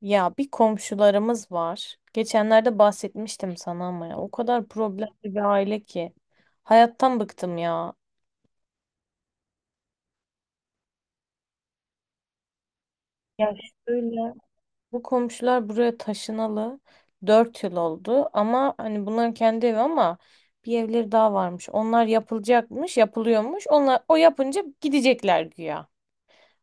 Ya bir komşularımız var. Geçenlerde bahsetmiştim sana ama ya o kadar problemli bir aile ki. Hayattan bıktım ya. Ya şöyle bu komşular buraya taşınalı 4 yıl oldu ama hani bunların kendi evi, ama bir evleri daha varmış. Onlar yapılacakmış, yapılıyormuş. Onlar o yapınca gidecekler güya.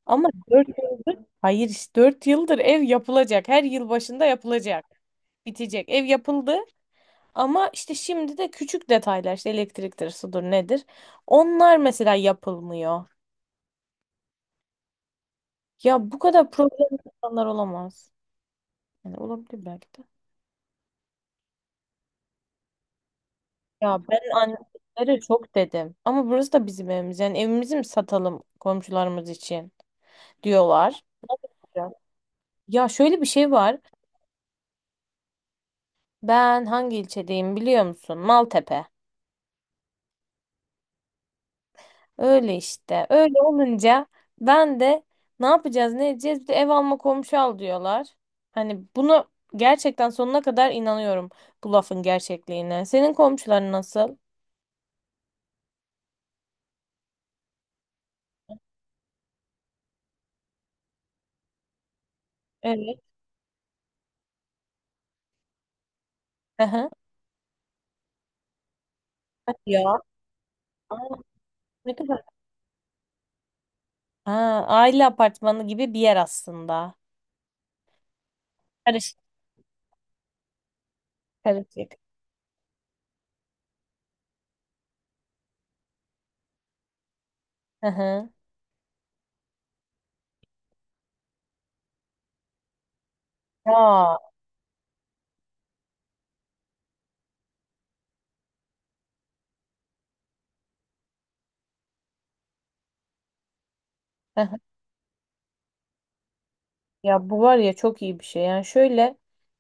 Ama 4 yıldır hayır, işte 4 yıldır ev yapılacak. Her yıl başında yapılacak. Bitecek. Ev yapıldı. Ama işte şimdi de küçük detaylar, işte elektriktir, sudur nedir? Onlar mesela yapılmıyor. Ya bu kadar problem insanlar olamaz. Yani olabilir belki de. Ya ben annelere çok dedim. Ama burası da bizim evimiz. Yani evimizi mi satalım komşularımız için diyorlar. Ya şöyle bir şey var. Ben hangi ilçedeyim biliyor musun? Maltepe. Öyle işte. Öyle olunca ben de ne yapacağız ne edeceğiz, bir de ev alma komşu al diyorlar. Hani bunu gerçekten sonuna kadar inanıyorum, bu lafın gerçekliğine. Senin komşuların nasıl? Evet. Aha. Hadi ya. Aa, ne kadar? Ha, aile apartmanı gibi bir yer aslında. Karışık. Karışık. Hı hı. Ya. Hı hı. Ya bu var ya, çok iyi bir şey. Yani şöyle,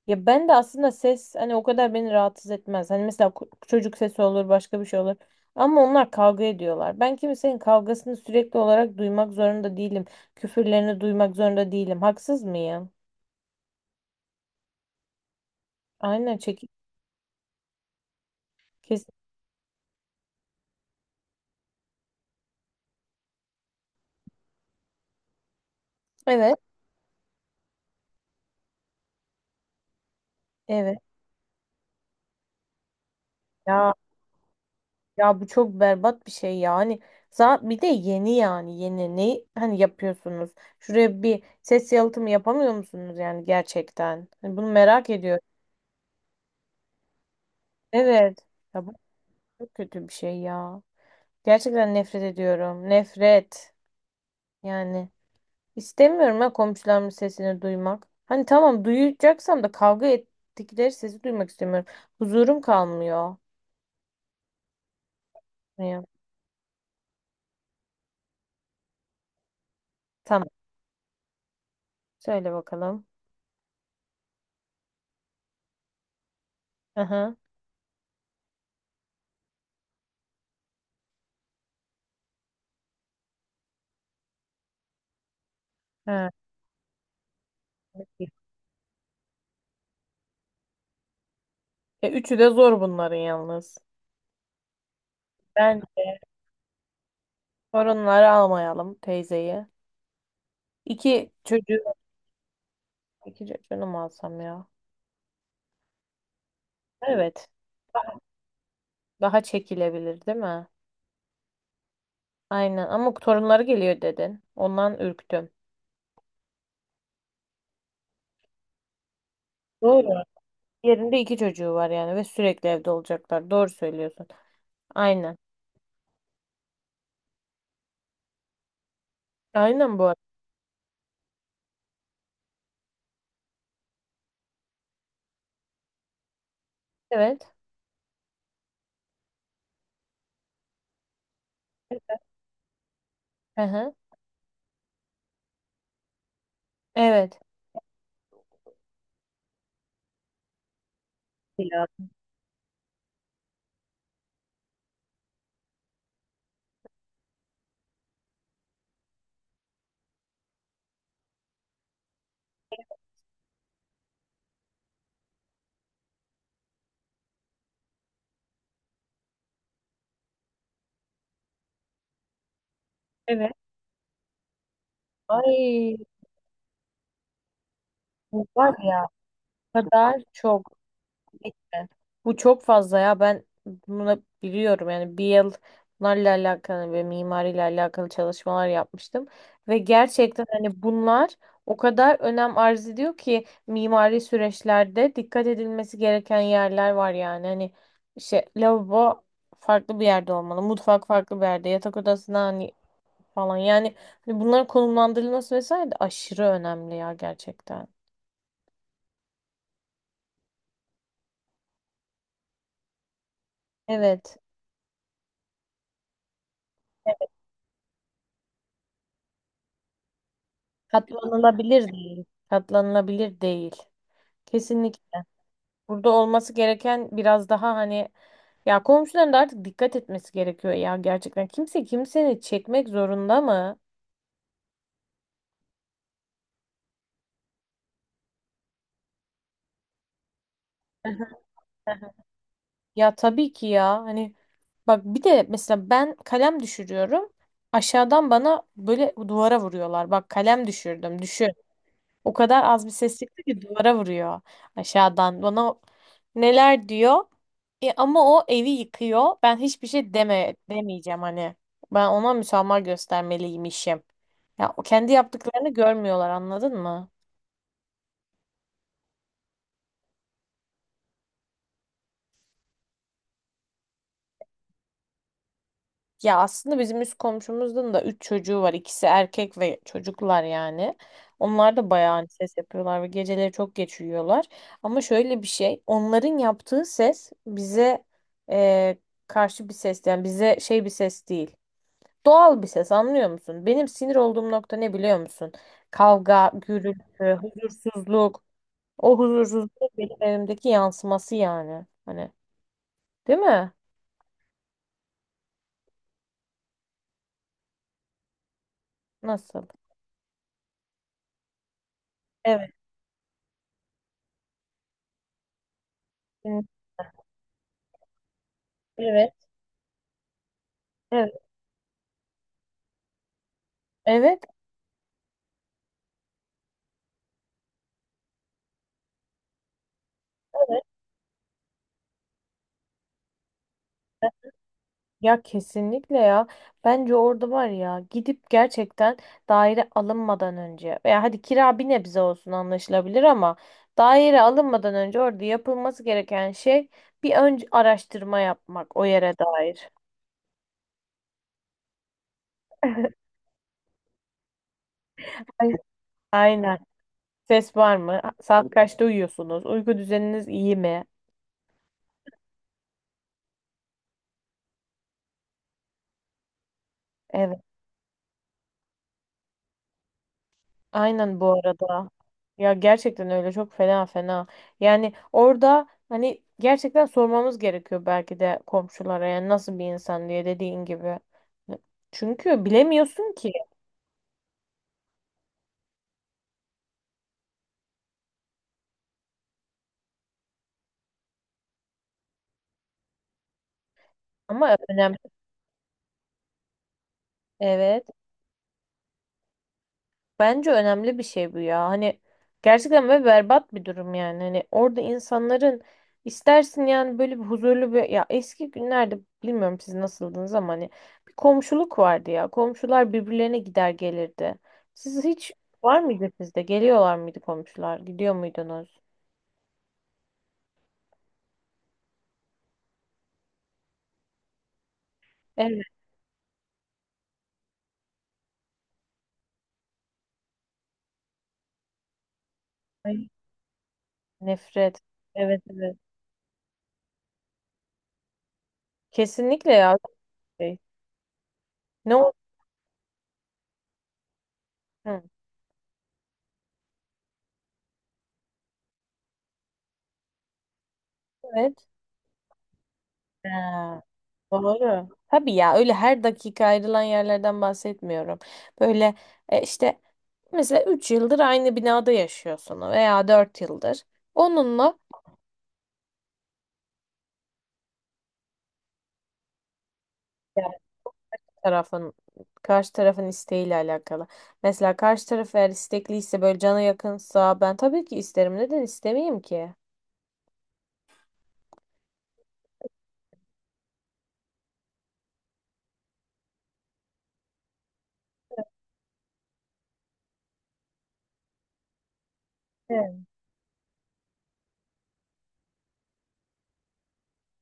ya ben de aslında ses, hani o kadar beni rahatsız etmez. Hani mesela çocuk sesi olur, başka bir şey olur. Ama onlar kavga ediyorlar. Ben kimsenin kavgasını sürekli olarak duymak zorunda değilim. Küfürlerini duymak zorunda değilim. Haksız mıyım? Aynen çekin. Kes. Evet. Evet. Ya ya bu çok berbat bir şey ya. Hani bir de yeni, yani yeni ne hani yapıyorsunuz? Şuraya bir ses yalıtımı yapamıyor musunuz yani gerçekten? Hani bunu merak ediyorum. Evet. Ya bu çok kötü bir şey ya. Gerçekten nefret ediyorum. Nefret. Yani istemiyorum ha komşularımın sesini duymak. Hani tamam duyacaksam da kavga ettikleri sesi duymak istemiyorum. Huzurum kalmıyor. Ya, tamam. Söyle bakalım. Aha. Ha, peki. Üçü de zor bunların yalnız. Bence sorunları almayalım, teyzeyi. İki çocuğu, iki çocuğunu mu alsam ya? Evet. Daha çekilebilir değil mi? Aynen, ama torunları geliyor dedin. Ondan ürktüm. Doğru. Yerinde iki çocuğu var yani ve sürekli evde olacaklar. Doğru söylüyorsun. Aynen. Aynen bu arada. Evet. Hı hı. Evet. Ya. Evet. Ay, bu var ya, o kadar çok. Kesinlikle. Bu çok fazla ya, ben bunu biliyorum. Yani bir yıl bunlarla alakalı ve mimariyle alakalı çalışmalar yapmıştım ve gerçekten hani bunlar o kadar önem arz ediyor ki, mimari süreçlerde dikkat edilmesi gereken yerler var yani. Hani işte lavabo farklı bir yerde olmalı, mutfak farklı bir yerde, yatak odasına hani falan yani. Hani bunların konumlandırılması vesaire de aşırı önemli ya gerçekten. Evet. Katlanılabilir değil. Katlanılabilir değil. Kesinlikle. Burada olması gereken biraz daha hani, ya komşuların da artık dikkat etmesi gerekiyor ya gerçekten. Kimse kimseni çekmek zorunda mı? Ya tabii ki ya hani, bak bir de mesela ben kalem düşürüyorum. Aşağıdan bana böyle duvara vuruyorlar. Bak kalem düşürdüm. Düşün. O kadar az bir ses çıktı ki duvara vuruyor aşağıdan. Bana neler diyor? Ama o evi yıkıyor. Ben hiçbir şey deme, demeyeceğim hani. Ben ona müsamaha göstermeliymişim. Ya o kendi yaptıklarını görmüyorlar, anladın mı? Ya aslında bizim üst komşumuzun da üç çocuğu var. İkisi erkek ve çocuklar yani. Onlar da bayağı hani ses yapıyorlar ve geceleri çok geç uyuyorlar. Ama şöyle bir şey, onların yaptığı ses bize e, karşı bir ses, yani bize şey bir ses değil. Doğal bir ses, anlıyor musun? Benim sinir olduğum nokta ne biliyor musun? Kavga, gürültü, huzursuzluk. O huzursuzluk benim evimdeki yansıması yani. Hani, değil mi? Nasıl? Evet. Evet. Evet. Evet. Evet. Ya kesinlikle ya. Bence orada var ya, gidip gerçekten daire alınmadan önce, veya hadi kira bir nebze olsun anlaşılabilir ama daire alınmadan önce orada yapılması gereken şey bir önce araştırma yapmak o yere dair. Ay- Aynen. Ses var mı? Saat kaçta uyuyorsunuz? Uyku düzeniniz iyi mi? Evet. Aynen bu arada. Ya gerçekten öyle, çok fena fena. Yani orada hani gerçekten sormamız gerekiyor belki de komşulara, yani nasıl bir insan diye dediğin gibi. Çünkü bilemiyorsun ki ama önemli. Evet. Bence önemli bir şey bu ya. Hani gerçekten ve berbat bir durum yani. Hani orada insanların istersin yani böyle bir huzurlu bir, ya eski günlerde bilmiyorum siz nasıldınız ama hani bir komşuluk vardı ya. Komşular birbirlerine gider gelirdi. Siz hiç var mıydı sizde? Geliyorlar mıydı komşular? Gidiyor muydunuz? Evet. Ay, nefret. Evet, evet. Kesinlikle ya. Şey. Ne oldu? Hı, evet. Ha. Doğru. Tabii ya, öyle her dakika ayrılan yerlerden bahsetmiyorum. Böyle işte mesela 3 yıldır aynı binada yaşıyorsun veya 4 yıldır. Onunla yani tarafın, karşı tarafın isteğiyle alakalı. Mesela karşı taraf eğer istekliyse, böyle cana yakınsa, ben tabii ki isterim. Neden istemeyeyim ki?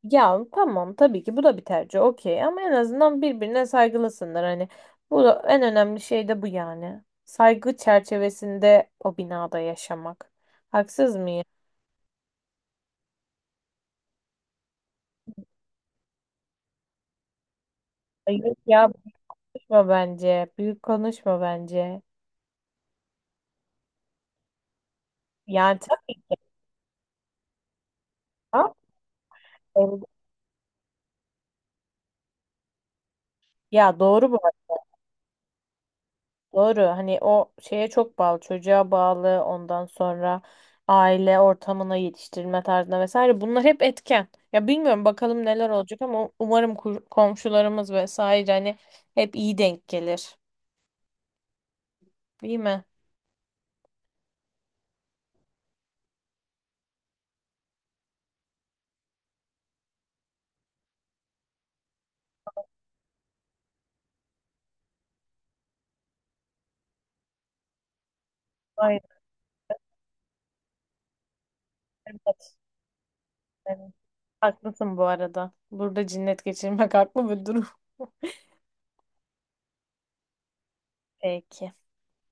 Ya tamam, tabii ki bu da bir tercih, okey, ama en azından birbirine saygılısınlar hani, en önemli şey de bu yani, saygı çerçevesinde o binada yaşamak, haksız mıyım? Ay, yok ya, boşma bence, büyük konuşma bence yani tamam. ev- Ya doğru bu. Doğru. Hani o şeye çok bağlı, çocuğa bağlı, ondan sonra aile ortamına, yetiştirme tarzına vesaire. Bunlar hep etken. Ya bilmiyorum bakalım neler olacak ama umarım komşularımız vesaire hani hep iyi denk gelir. Değil mi? Aynen. Evet. Evet. Haklısın bu arada. Burada cinnet geçirmek haklı bir durum. Peki.